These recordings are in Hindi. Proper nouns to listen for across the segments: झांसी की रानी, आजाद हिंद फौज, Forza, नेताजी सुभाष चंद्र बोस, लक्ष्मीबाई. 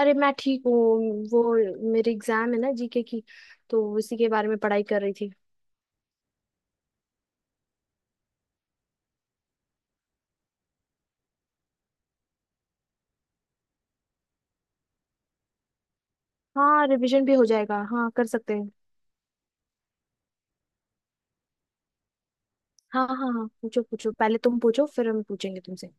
अरे मैं ठीक हूँ। वो, मेरे एग्जाम है ना जीके की, तो उसी के बारे में पढ़ाई कर रही थी। हाँ, रिवीजन भी हो जाएगा, हाँ, कर सकते हैं। हाँ हाँ हाँ, पूछो पूछो, पहले तुम पूछो फिर हम पूछेंगे तुमसे।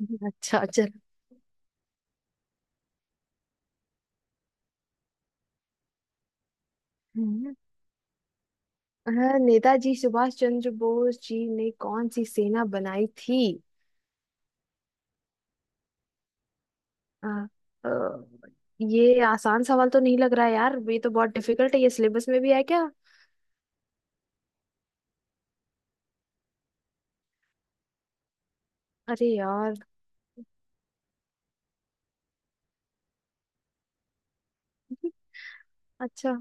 अच्छा, चलो। हम्म। हाँ, नेताजी सुभाष चंद्र बोस जी ने कौन सी सेना बनाई थी? आ, अ, ये आसान सवाल तो नहीं लग रहा है यार, ये तो बहुत डिफिकल्ट है। ये सिलेबस में भी है क्या? अरे यार। अच्छा।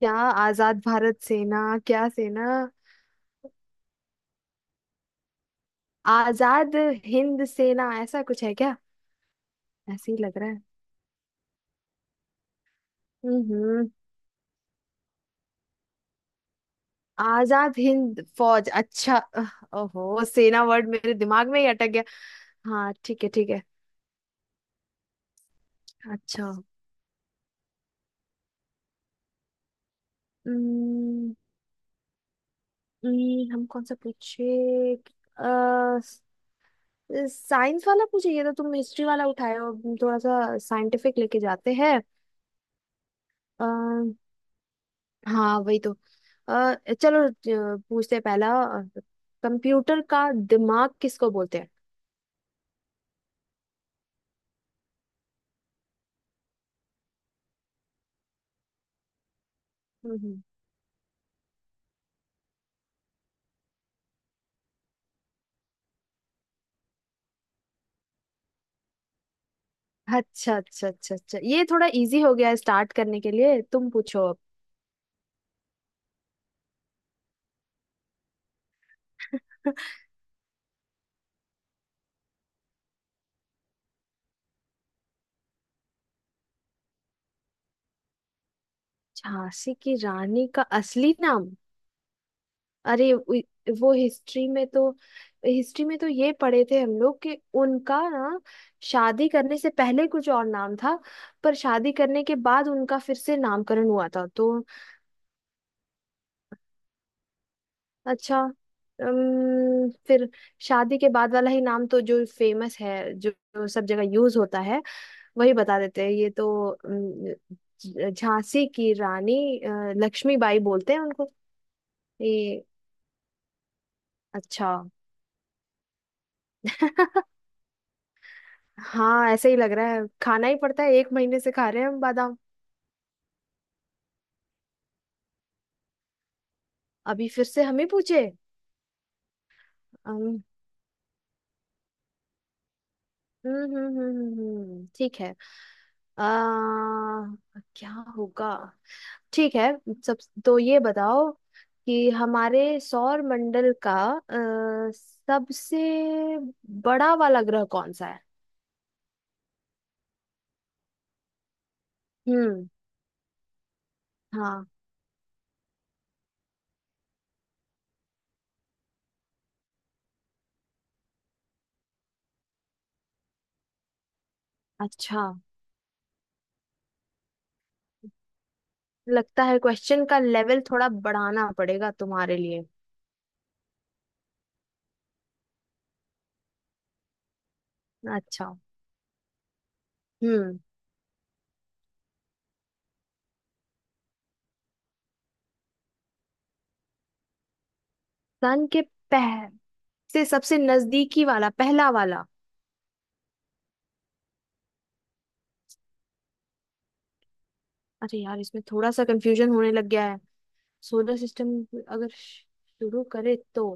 क्या? आजाद भारत सेना? क्या सेना? आजाद हिंद सेना ऐसा कुछ है क्या? ऐसे ही लग रहा है। हम्म। आजाद हिंद फौज, अच्छा। ओहो, सेना वर्ड मेरे दिमाग में ही अटक गया। हाँ, ठीक है ठीक है। अच्छा। हम्म, हम कौन सा पूछे? अह, साइंस वाला पूछे? ये तो तुम हिस्ट्री वाला उठाए हो, हम थोड़ा सा साइंटिफिक लेके जाते हैं। अह, हाँ, वही तो। चलो, पूछते हैं पहला। कंप्यूटर का दिमाग किसको बोलते हैं? हम्म हम्म। अच्छा अच्छा अच्छा अच्छा, ये थोड़ा इजी हो गया है स्टार्ट करने के लिए। तुम पूछो अब। झांसी की रानी का असली नाम? अरे वो हिस्ट्री में तो, ये पढ़े थे हम लोग कि उनका ना, शादी करने से पहले कुछ और नाम था, पर शादी करने के बाद उनका फिर से नामकरण हुआ था तो। अच्छा, फिर शादी के बाद वाला ही नाम तो, जो फेमस है, जो जो सब जगह यूज होता है, वही बता देते हैं। ये तो झांसी की रानी, लक्ष्मीबाई बोलते हैं उनको। ये? अच्छा। हाँ, ऐसे ही लग रहा है, खाना ही पड़ता है, 1 महीने से खा रहे हैं हम बादाम। अभी फिर से हम ही पूछे? अम, ठीक है। आ, क्या होगा। ठीक है सब। तो ये बताओ कि हमारे सौर मंडल का सबसे बड़ा वाला ग्रह कौन सा है? हम्म। हाँ। अच्छा। लगता है क्वेश्चन का लेवल थोड़ा बढ़ाना पड़ेगा तुम्हारे लिए। अच्छा। हम्म। सन के पह से, सबसे नजदीकी वाला, पहला वाला? अरे यार, इसमें थोड़ा सा कंफ्यूजन होने लग गया है। सोलर सिस्टम अगर शुरू करे तो।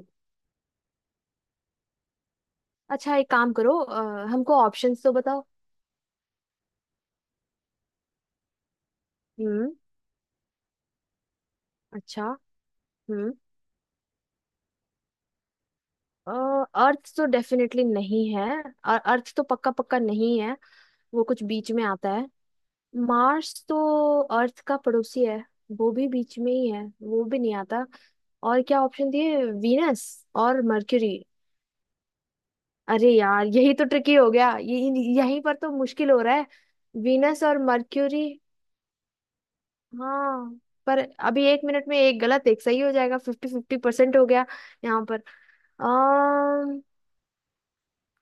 अच्छा, एक काम करो, हमको ऑप्शंस तो बताओ। हम्म। अच्छा। हम्म। अर्थ तो डेफिनेटली नहीं है, और अर्थ तो पक्का पक्का नहीं है। वो कुछ बीच में आता है। मार्स तो अर्थ का पड़ोसी है, वो भी बीच में ही है, वो भी नहीं आता। और क्या ऑप्शन दिए, वीनस और मर्क्यूरी? अरे यार, यही तो ट्रिकी हो गया ये। यहीं पर तो मुश्किल हो रहा है। वीनस और मर्क्यूरी, हाँ। पर अभी 1 मिनट में, एक गलत एक सही हो जाएगा, 50-50% हो गया यहाँ पर। अम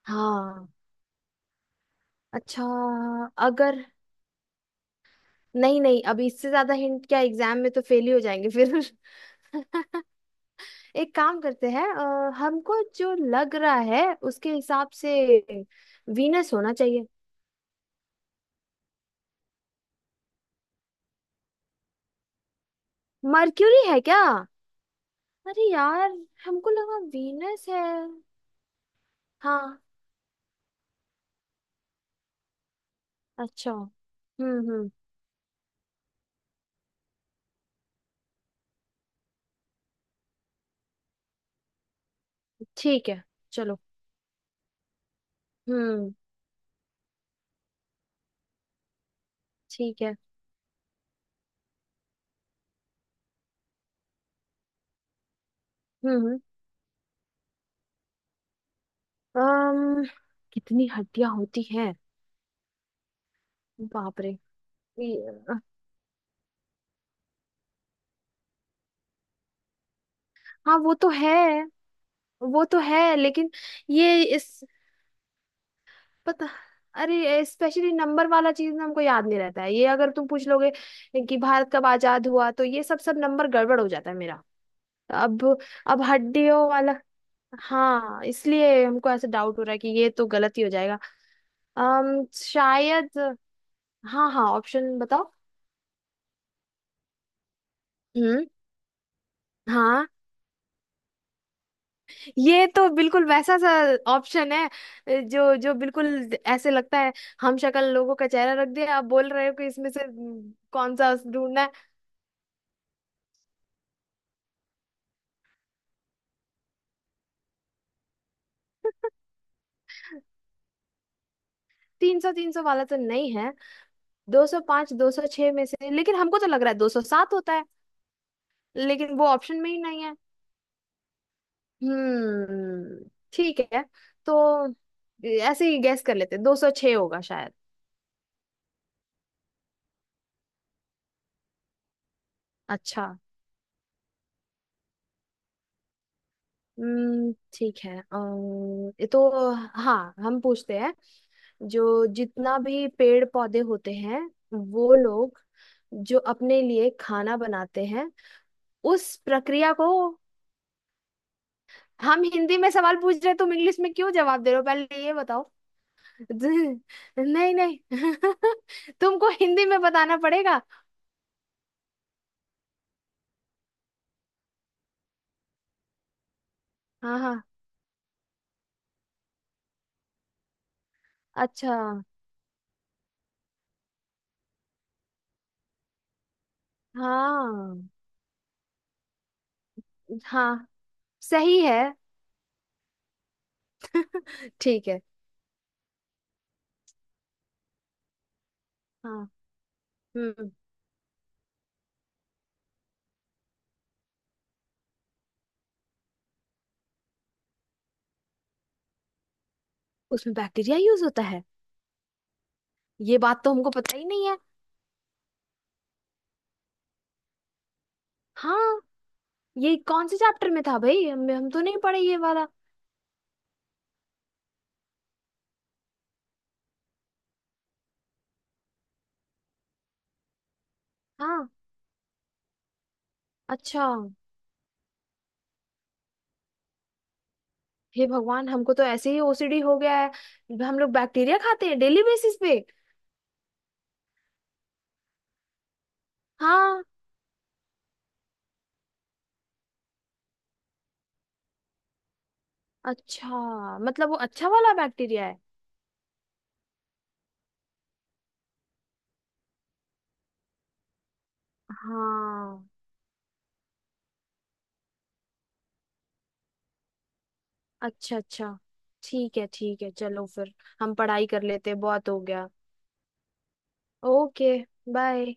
हाँ। अच्छा। अगर नहीं नहीं, अभी इससे ज्यादा हिंट क्या, एग्जाम में तो फेल ही हो जाएंगे फिर। एक काम करते हैं, हमको जो लग रहा है उसके हिसाब से वीनस होना चाहिए। मर्क्यूरी है क्या? अरे यार, हमको लगा वीनस है। हाँ। अच्छा। हम्म। ठीक है, चलो। हम्म। ठीक है। हम्म। अम्म कितनी हड्डियां होती हैं? बाप रे। ये- हाँ, वो तो है, वो तो है, लेकिन, ये इस पता अरे, स्पेशली नंबर वाला चीज ना हमको याद नहीं रहता है, ये अगर तुम पूछ लोगे कि भारत कब आजाद हुआ, तो ये सब सब नंबर गड़बड़ हो जाता है मेरा। अब अब हड्डियों वाला, हाँ, इसलिए हमको ऐसे डाउट हो रहा है कि ये तो गलत ही हो जाएगा। अम शायद। हाँ हाँ, ऑप्शन बताओ। हम्म। हाँ, ये तो बिल्कुल वैसा सा ऑप्शन है, जो जो बिल्कुल ऐसे लगता है, हम शक्ल लोगों का चेहरा रख दिया आप बोल रहे हो कि इसमें से, कौन सा ढूंढना। तीन सौ, 300 वाला तो नहीं है। 205, 206 में से, लेकिन हमको तो लग रहा है 207 होता है। लेकिन वो ऑप्शन में ही नहीं है। हम्म। ठीक है। तो ऐसे ही गैस कर लेते, 206 होगा शायद। अच्छा। हम्म। ठीक है। ये तो, हाँ, हम पूछते हैं। जो जितना भी पेड़ पौधे होते हैं, वो लोग जो अपने लिए खाना बनाते हैं, उस प्रक्रिया को। हम हिंदी में सवाल पूछ रहे हो, तुम इंग्लिश में क्यों जवाब दे रहे हो, पहले ये बताओ। नहीं नहीं, तुमको हिंदी में बताना पड़ेगा। हाँ हाँ। अच्छा। हाँ हाँ, सही है। ठीक है। हाँ। हम्म। उसमें बैक्टीरिया यूज होता है? ये बात तो हमको पता ही नहीं है। हाँ। ये कौन से चैप्टर में था भाई, हम तो नहीं पढ़े ये वाला। हाँ। अच्छा। हे भगवान, हमको तो ऐसे ही ओसीडी हो गया है, हम लोग बैक्टीरिया खाते हैं डेली बेसिस पे। हाँ। अच्छा, मतलब वो अच्छा वाला बैक्टीरिया है। हाँ। अच्छा अच्छा, ठीक है ठीक है, चलो फिर। हम पढ़ाई कर लेते हैं, बहुत हो गया। ओके। बाय।